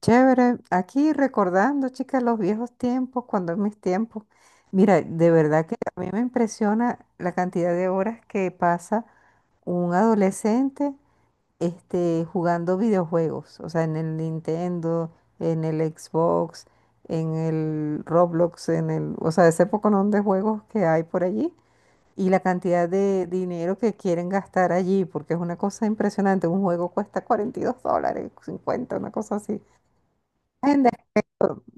Chévere, aquí recordando, chicas, los viejos tiempos, cuando en mis tiempos. Mira, de verdad que a mí me impresiona la cantidad de horas que pasa un adolescente jugando videojuegos, o sea, en el Nintendo, en el Xbox, en el Roblox, en el, o sea, ese poconón de juegos que hay por allí, y la cantidad de dinero que quieren gastar allí, porque es una cosa impresionante. Un juego cuesta $42, 50, una cosa así.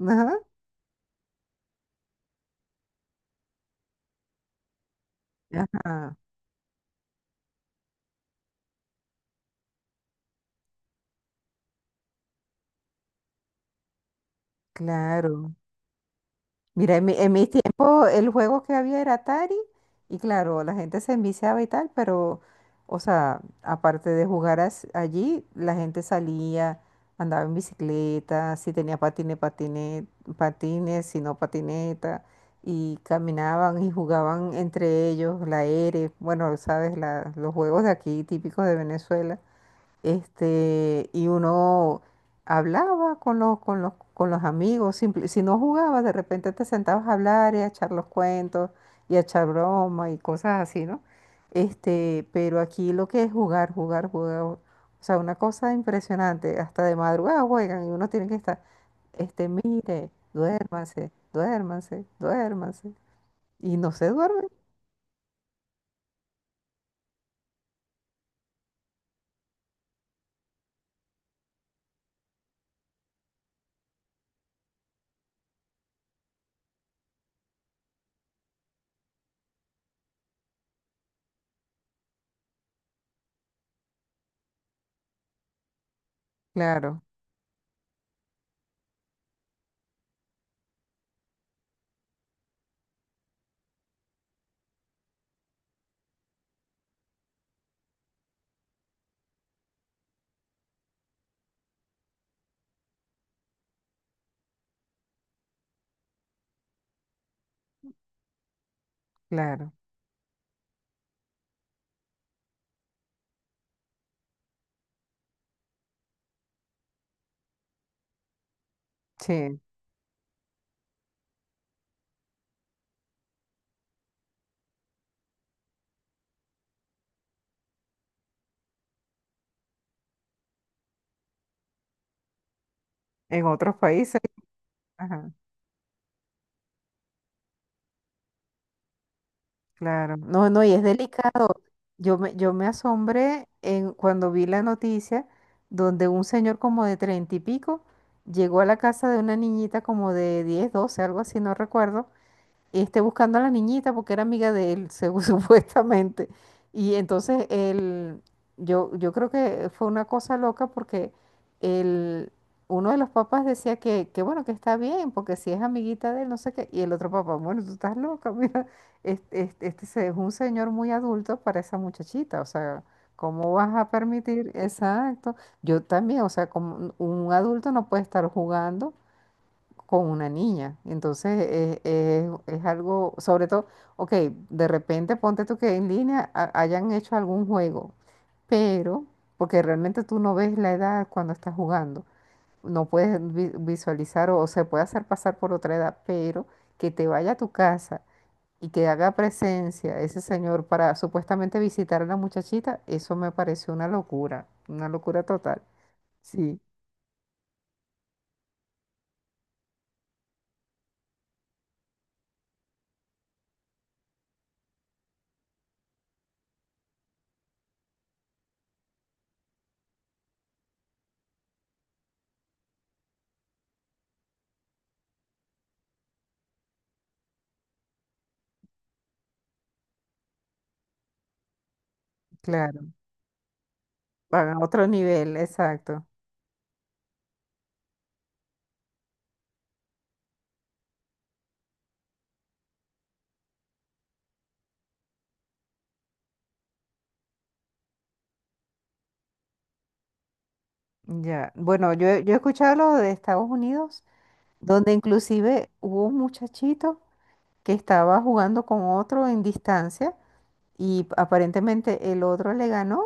Ajá, ajá, claro. Mira, en mi tiempo el juego que había era Atari, y claro, la gente se enviciaba y tal, pero, o sea, aparte de jugar allí, la gente salía, andaba en bicicleta, si tenía patines, patines, si no patineta, y caminaban y jugaban entre ellos, la ere, bueno, sabes, los juegos de aquí típicos de Venezuela. Este, y uno hablaba con los amigos, si no jugabas, de repente te sentabas a hablar y a echar los cuentos y a echar broma y cosas así, ¿no? Este, pero aquí lo que es jugar, jugar, jugar, o sea, una cosa impresionante, hasta de madrugada juegan y uno tiene que estar, mire, duérmase, duérmase, duérmase, y no se duerme. Claro, claro, sí, en otros países, ajá. Claro, no, no, y es delicado. Yo me asombré cuando vi la noticia donde un señor como de treinta y pico llegó a la casa de una niñita como de 10, 12, algo así, no recuerdo, esté buscando a la niñita porque era amiga de él, supuestamente. Y entonces él, yo creo que fue una cosa loca porque el uno de los papás decía que bueno, que está bien, porque si es amiguita de él, no sé qué. Y el otro papá, bueno, tú estás loca, mira, este es un señor muy adulto para esa muchachita, o sea, ¿cómo vas a permitir? Exacto. Yo también, o sea, como un adulto no puede estar jugando con una niña. Entonces es algo, sobre todo, ok, de repente ponte tú que en línea hayan hecho algún juego, pero porque realmente tú no ves la edad cuando estás jugando, no puedes visualizar o se puede hacer pasar por otra edad, pero que te vaya a tu casa y que haga presencia ese señor para supuestamente visitar a la muchachita, eso me pareció una locura total. Sí, claro. Van a otro nivel, exacto. Ya, bueno, yo he escuchado lo de Estados Unidos, donde inclusive hubo un muchachito que estaba jugando con otro en distancia, y aparentemente el otro le ganó,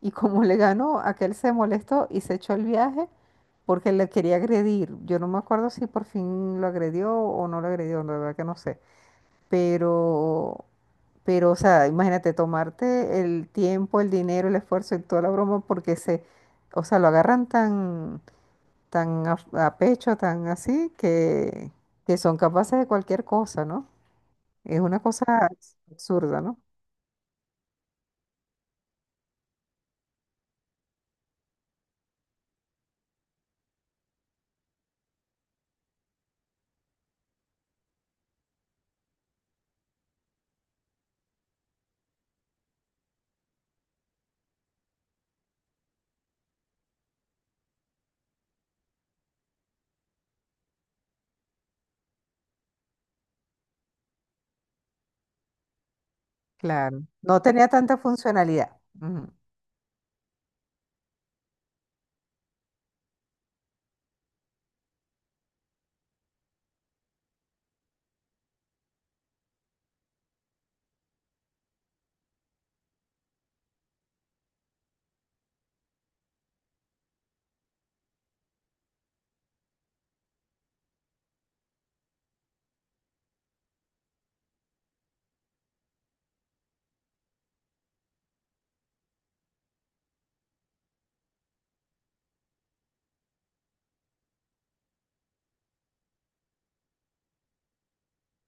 y como le ganó, aquel se molestó y se echó el viaje porque le quería agredir. Yo no me acuerdo si por fin lo agredió o no lo agredió, la verdad que no sé. Pero, pero, o sea, imagínate tomarte el tiempo, el dinero, el esfuerzo y toda la broma porque se, o sea, lo agarran tan tan a pecho, tan así, que son capaces de cualquier cosa, ¿no? Es una cosa absurda, ¿no? Claro. No tenía tanta funcionalidad. Ujú.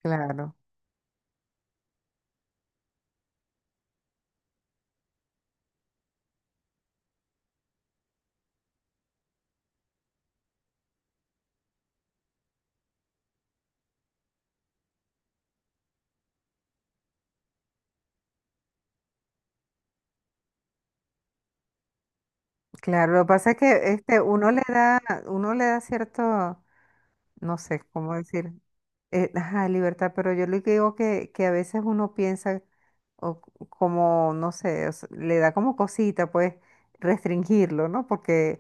Claro, claro. Lo que pasa es que uno le da cierto, no sé cómo decir, ajá, libertad, pero yo le digo que a veces uno piensa, o como, no sé, o sea, le da como cosita, pues, restringirlo, ¿no? Porque,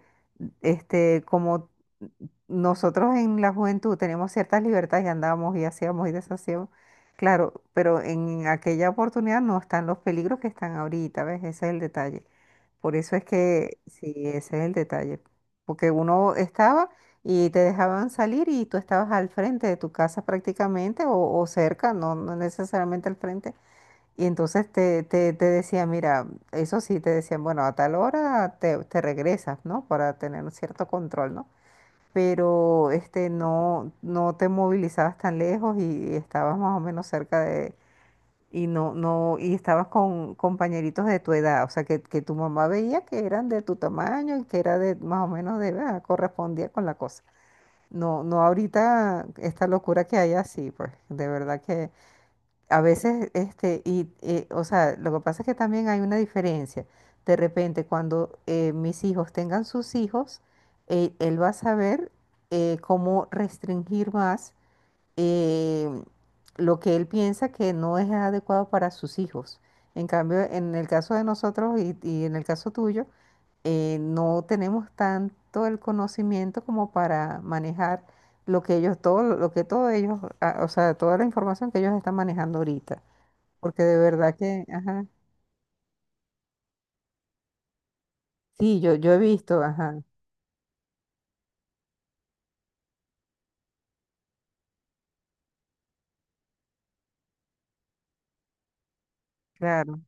como nosotros en la juventud teníamos ciertas libertades y andábamos y hacíamos y deshacíamos, claro, pero en aquella oportunidad no están los peligros que están ahorita, ¿ves? Ese es el detalle. Por eso es que, sí, ese es el detalle. Porque uno estaba y te dejaban salir y tú estabas al frente de tu casa prácticamente, o cerca, no, no necesariamente al frente. Y entonces te decían, mira, eso sí, te decían, bueno, a tal hora te regresas, ¿no? Para tener un cierto control, ¿no? Pero no te movilizabas tan lejos, y estabas más o menos cerca de, y no, no, y estabas con compañeritos de tu edad, o sea, que tu mamá veía que eran de tu tamaño y que era de más o menos de edad, correspondía con la cosa. No, no ahorita esta locura que hay así, pues, de verdad que a veces, o sea, lo que pasa es que también hay una diferencia. De repente, cuando mis hijos tengan sus hijos, él va a saber cómo restringir más, eh, lo que él piensa que no es adecuado para sus hijos. En cambio, en el caso de nosotros y en el caso tuyo, no tenemos tanto el conocimiento como para manejar lo que ellos, todo lo que todos ellos, o sea, toda la información que ellos están manejando ahorita. Porque de verdad que, ajá, sí, yo he visto, ajá, claro,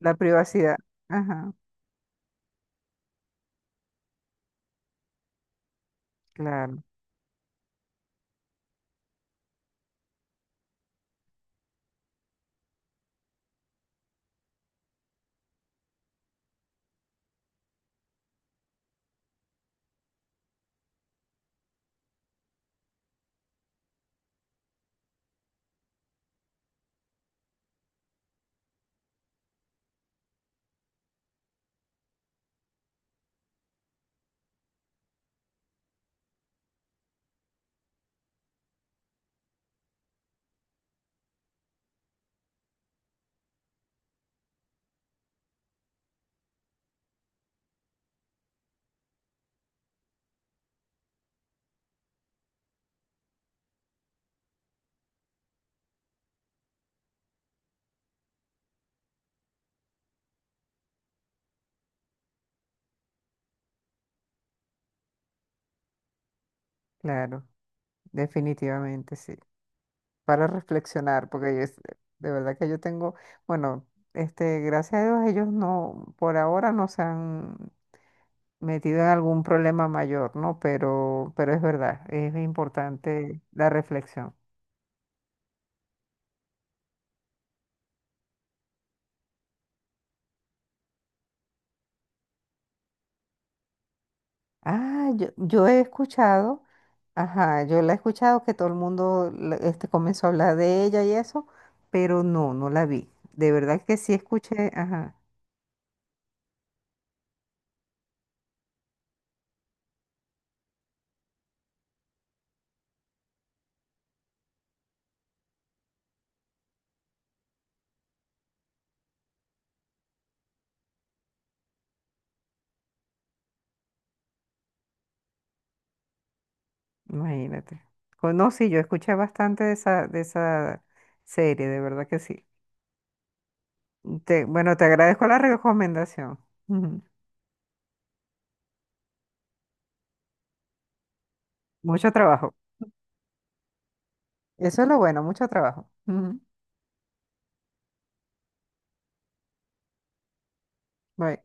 la privacidad, ajá, claro, claro, definitivamente, sí. Para reflexionar, porque yo de verdad que yo tengo, bueno, gracias a Dios ellos no, por ahora no se han metido en algún problema mayor, ¿no? Pero es verdad, es importante la reflexión. Ah, yo he escuchado, ajá, yo la he escuchado, que todo el mundo comenzó a hablar de ella y eso, pero no la vi. De verdad que sí escuché, ajá, imagínate. No, sí, yo escuché bastante de esa serie, de verdad que sí. Bueno, te agradezco la recomendación. Ujú. Mucho trabajo. Eso es lo bueno, mucho trabajo. Ujú. Bye.